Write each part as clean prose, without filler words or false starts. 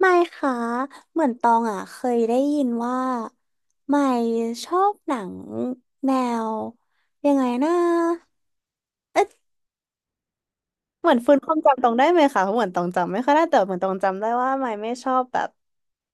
ไม่ค่ะเหมือนตองอ่ะเคยได้ยินว่าไม่ชอบหนังแนวยังไงนะเหมือนฟื้นความจำตองได้ไหมคะเพราะเหมือนตองจำไม่ค่อยได้แต่เหมือนตองจำได้ว่าไม่ชอบแบบ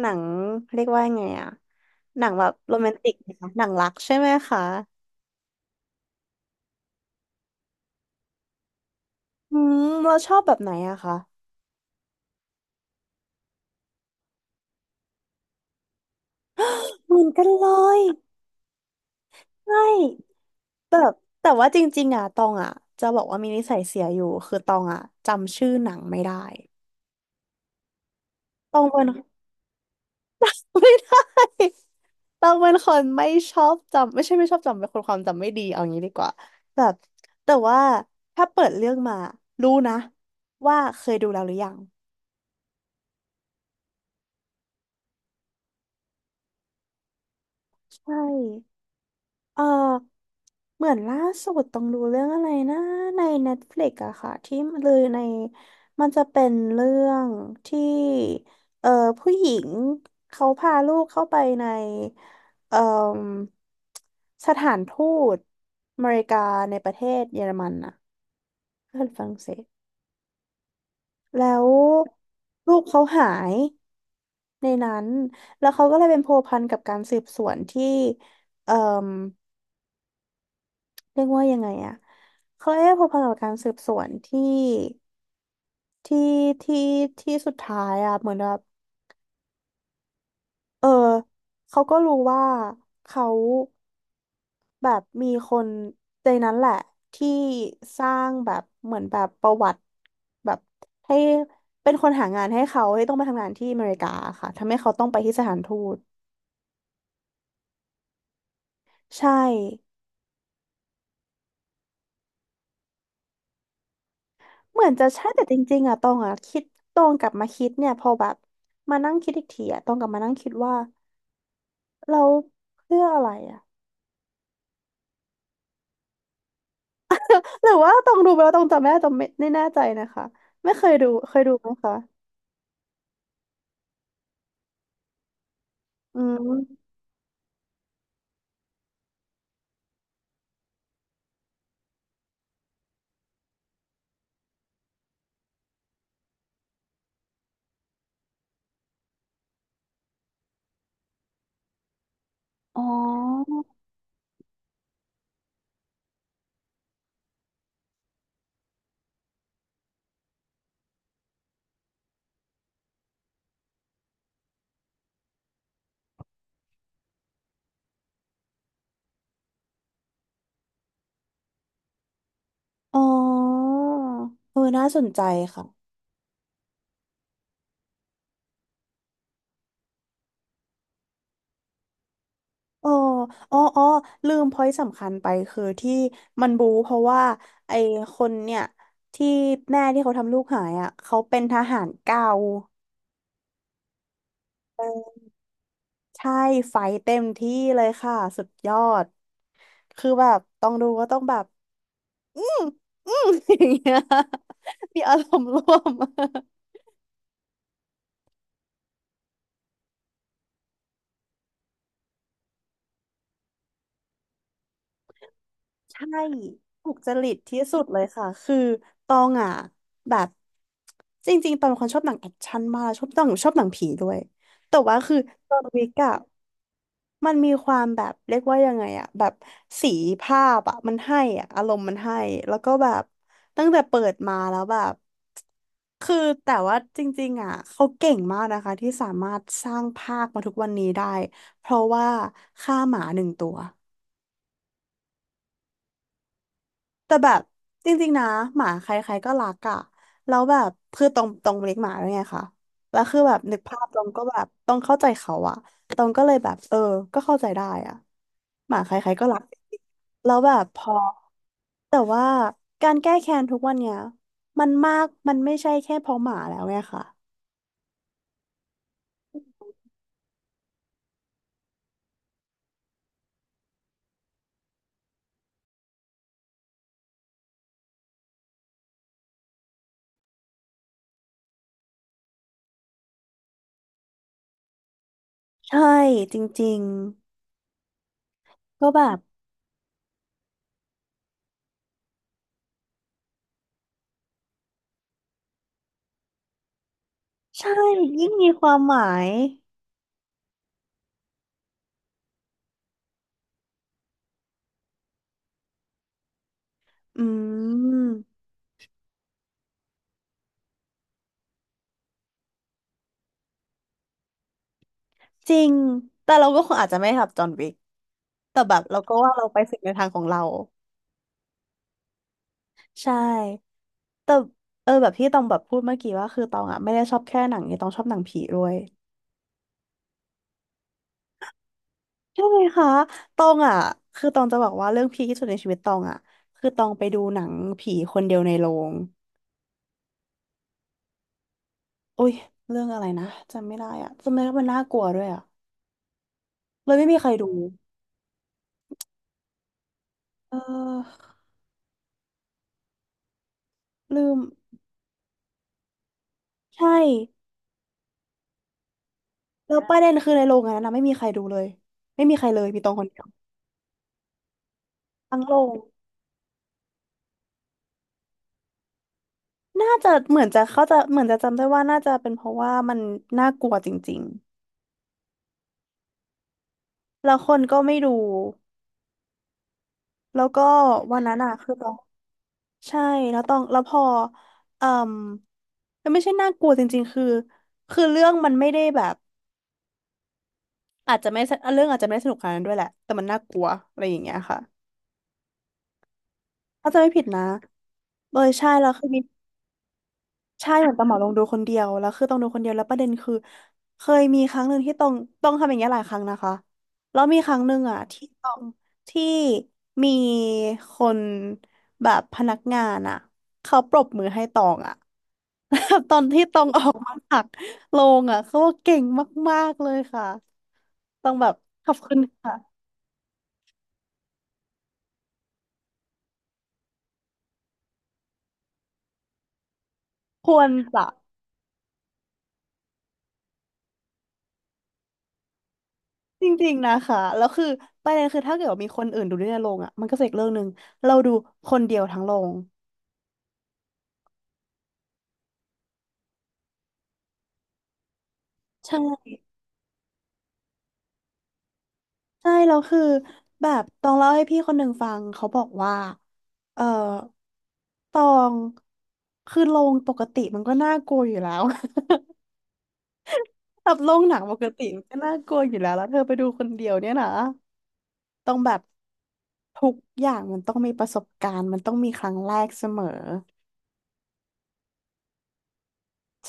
หนังเรียกว่าไงอ่ะหนังแบบโรแมนติกนะคะหนังรักใช่ไหมคะอืมเราชอบแบบไหนอะคะเหมือนกันเลยใช่แบบแต่ว่าจริงๆอ่ะตองอ่ะจะบอกว่ามีนิสัยเสียอยู่คือตองอ่ะจำชื่อหนังไม่ได้ตองเป็น ไม่ได้ต้องเป็นคนไม่ชอบจำไม่ใช่ไม่ชอบจำเป็นคนความจำไม่ดีเอางี้ดีกว่าแบบแต่ว่าถ้าเปิดเรื่องมารู้นะว่าเคยดูแล้วหรือยังใช่ เออเหมือนล่าสุดต้องดูเรื่องอะไรนะใน Netflix อะค่ะที่เลยในมันจะเป็นเรื่องที่เออผู้หญิงเขาพาลูกเข้าไปในเออสถานทูตอเมริกาในประเทศเยอรมันอะเพื่อนฝรั่งเศสแล้วลูกเขาหายในนั้นแล้วเขาก็เลยเป็นพัวพันกับการสืบสวนที่เอ่อ เรียกว่ายังไงอะเขาเอ๊พอพันกับการสืบสวนที่ที่ที่ที่สุดท้ายอะเหมือนแบบ เออเขาก็รู้ว่าเขาแบบมีคนในนั้นแหละที่สร้างแบบเหมือนแบบประวัติแบบให้เป็นคนหางานให้เขาให้ต้องมาทำงานที่อเมริกาค่ะทำให้เขาต้องไปที่สถานทูตใช่เหมือนจะใช่แต่จริงๆอะตองอะคิดตองกลับมาคิดเนี่ยพอแบบมานั่งคิดอีกทีอะตองกลับมานั่งคิดว่า เราเพื่ออะไรอ่ะหรือว่าต้องดูไปแล้วต้องจำไม่ได้ต้องไม่แน่ใจนะคะไม่เคยดูเคยดูไหมคะอืมอ๋ออ๋อเออน่าสนใจค่ะอ๋ออ๋อลืมพอยต์สำคัญไปคือที่มันบู๊เพราะว่าไอ้คนเนี่ยที่แม่ที่เขาทำลูกหายอ่ะเขาเป็นทหารเก่าเออใช่ไฟเต็มที่เลยค่ะสุดยอดคือแบบต้องดูก็ต้องแบบ อืมอืม อย่างเงี้ยมีอารมณ์ร่วม ใช่ถูกจริตที่สุดเลยค่ะคือตองอ่ะแบบจริงๆตองเป็นคนชอบหนังแอคชั่นมากชอบตองชอบหนังผีด้วยแต่ว่าคือตอนวิกอะมันมีความแบบเรียกว่ายังไงอะแบบสีภาพอะมันให้อะอารมณ์มันให้แล้วก็แบบตั้งแต่เปิดมาแล้วแบบคือแต่ว่าจริงๆอ่ะเขาเก่งมากนะคะที่สามารถสร้างภาคมาทุกวันนี้ได้เพราะว่าฆ่าหมาหนึ่งตัว แต่แบบจริงๆนะหมาใครๆก็รักอะแล้วแบบคือตรงเลี้ยงหมาด้วยไงคะแล้วคือแบบนึกภาพตรงก็แบบต้องเข้าใจเขาอะตรงก็เลยแบบเออก็เข้าใจได้อะหมาใครๆก็รักจริงๆแล้วแบบพอแต่ว่าการแก้แค้นทุกวันเนี้ยมันมากมันไม่ใช่แค่เพราะหมาแล้วไงค่ะใช่จริงๆก็แบบใช่ยิ่งมีความหมายอืมจริงแต่เราก็คงอาจจะไม่ทำจอห์นวิก แต่แบบเราก็ว่าเราไปสุดในทางของเราใช่แต่เออแบบที่ตองแบบพูดเมื่อกี้ว่าคือตองอ่ะไม่ได้ชอบแค่หนังนี้ตองชอบหนังผีด้วยใช่ไหมคะตองอ่ะคือตองจะบอกว่าเรื่องพีคที่สุดในชีวิตตองอ่ะคือตองไปดูหนังผีคนเดียวในโรงอุ้ยเรื่องอะไรนะจำไม่ได้อ่ะจำไม่ได้ว่ามันน่ากลัวด้วยอ่ะเลยไม่มีใครดูเออลืมใช่แล้วประเด็นคือในโรงอันนั้นนะไม่มีใครดูเลยไม่มีใครเลยมีตองคนเดียวทั้งโรง น่าจะเหมือนจะเขาจะเหมือนจะจำได้ว่าน่าจะเป็นเพราะว่ามันน่ากลัวจริงๆแล้วคนก็ไม่ดูแล้วก็วันนั้นอะคือเราใช่แล้วต้องแล้วพอเอ่มมันไม่ใช่น่ากลัวจริงๆคือคือเรื่องมันไม่ได้แบบอาจจะไม่เรื่องอาจจะไม่ได้สนุกขนาดนั้นด้วยแหละแต่มันน่ากลัวอะไรอย่างเงี้ยค่ะถ้าจะไม่ผิดนะเออใช่แล้วคือมี ใช่เหมือนตองเหมาลงดูคนเดียวแล้วคือต้องดูคนเดียวแล้วประเด็นคือเคยมีครั้งหนึ่งที่ต้องทำอย่างเงี้ยหลายครั้งนะคะแล้วมีครั้งหนึ่งอ่ะที่ต้องที่มีคนแบบพนักงานอ่ะเขาปรบมือให้ตองอ่ะ ตอนที่ตองออกมาจากโรงอ่ะเขาว่าเก่งมากๆเลยค่ะต้องแบบขอบคุณค่ะควรจะจริงๆนะคะแล้วคือประเด็นคือถ้าเกิดว่ามีคนอื่นดูด้วยในโรงอ่ะมันก็จะอีกเรื่องหนึ่งเราดูคนเดียวทั้งโรง ใช่ใช่แล้วคือแบบตองเล่าให้พี่คนหนึ่งฟังเขาบอกว่าเออตองคือโรงปกติมันก็น่ากลัวอยู่แล้ว แบบโรงหนังปกติมันก็น่ากลัวอยู่แล้วแล้วเธอไปดูคนเดียวเนี่ยนะต้องแบบทุกอย่างมันต้องมีประสบการณ์มันต้องมีครั้งแรกเสมอ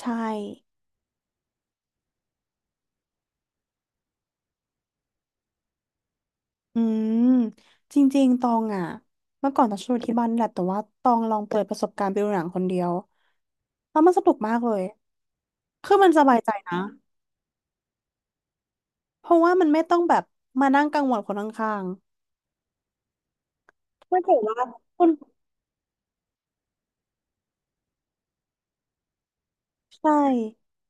ใช่อืมจริงๆตองอ่ะเมื่อก่อนตองชอบดูที่บ้านนี่แหละแต่ว่าตองลองเปิดประสบการณ์ไปดูหนังคนเดียวแล้วมันสนุกมากเลยคือมันสบายใจนะ เพราะว่ามันไม่ต้องแบบมานั่งกังวลคนข้างๆไม่ถือว่าคุณใช่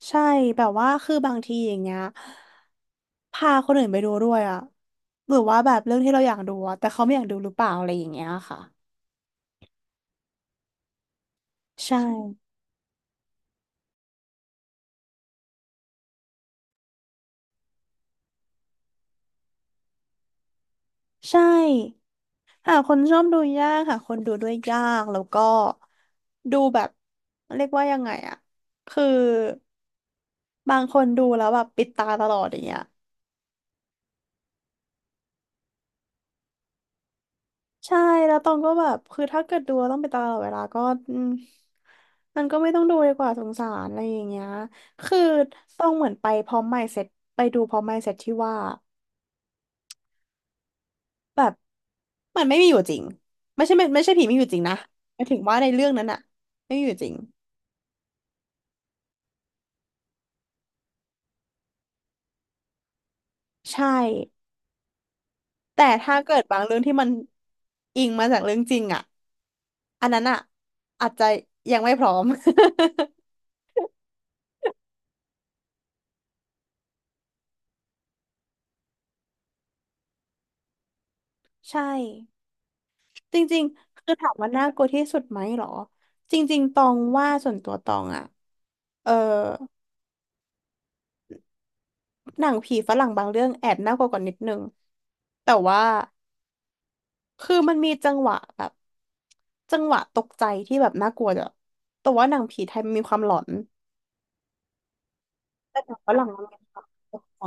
ใช่แบบว่าคือบางทีอย่างเงี้ยพาคนอื่นไปดูด้วยอะหรือว่าแบบเรื่องที่เราอยากดูอะแต่เขาไม่อยากดูหรือเปล่าอะไรอย่างเงี้ยค่ะใช่ใช่หาคนชอบดูยากหาคนดูด้วยยากแล้วก็ดูแบบเรียกว่ายังไงอะคือบางคนดูแล้วแบบปิดตาตลอดอย่างเงี้ย ใช่แล้วตองก็แบบคือถ้าเกิดดูแล้วต้องไปตลอดเวลาก็อืมมันก็ไม่ต้องดูดีกว่าสงสารอะไรอย่างเงี้ยคือต้องเหมือนไปพร้อม mindset ไปดูพร้อม mindset ที่ว่าแบบมันไม่มีอยู่จริงไม่ใช่ไม่ใช่ผีไม่มีอยู่จริงนะหมายถึงว่าในเรื่องนั้นอะไม่มีอยู่จริงใช่แต่ถ้าเกิดบางเรื่องที่มันอิงมาจากเรื่องจริงอะอันนั้นอะอาจจะยังไม่พร้อม ใช่ จริงๆ คือถามว่าน่ากลัวที่สุดไหมเหรอ จริงๆ ตองว่าส่วนตัวตองอะเออหนังผีฝรั่งบางเรื่องแอบน่ากลัวกว่านิดนึงแต่ว่า คือมันมีจังหวะแบบ จังหวะตกใจที่แบบน่ากลัวจ้ะแต่ว่าหนังผีไทยมันมีความหลอนแต่หนังฝรั่งมันมีความตกใจ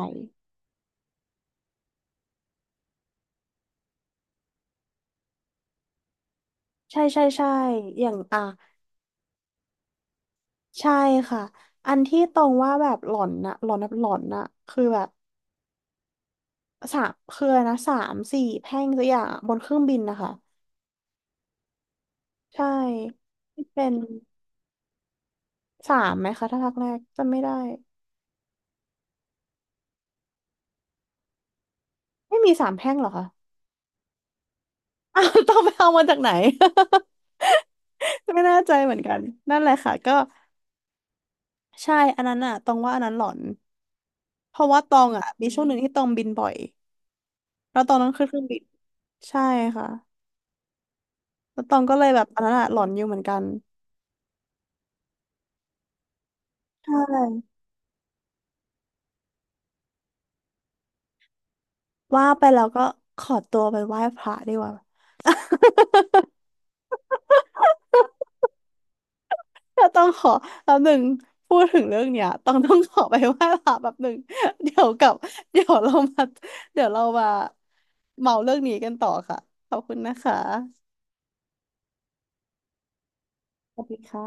ใช่ใช่ใช่อย่างอ่ะใช่ค่ะ อันที่ตรงว่าแบบหลอนน่ะ หลอนแบบหลอนน่ะคือแบบสามคืออะไรนะสามสี่แพร่งสักอย่างอะบนเครื่องบินนะคะ ใช่ที่เป็นสามไหมคะถ้าภาคแรกจำไม่ได้ไม่มีสามแพร่งเหรอคะ อ้าวต้องไปเอามาจากไหน ไม่แน่ใจเหมือนกันนั่นแหละค่ะก็ใช่อันนั้นอะตองว่าอันนั้นหลอนเพราะว่าตองอะมีช่วงหนึ่งที่ตองบินบ่อยแล้วตองต้องขึ้นเครื่องบินใช่ค่ะแล้วตองก็เลยแบบอันนั้นอะหลอนอยู่เหมือนกันใช่ว่าไปแล้วก็ขอตัวไปไหว้พระดีกว่า เราต้องขอแป๊บหนึ่งพูดถึงเรื่องเนี้ยต้องขอไปไหว้พระแป๊บหนึ่ง เดี๋ยวกลับเดี๋ยวเรามาเดี๋ยวเรามาเมาเรื่องนี้กันต่อค่ะขอบคุณนะคะสวัสดีค่ะ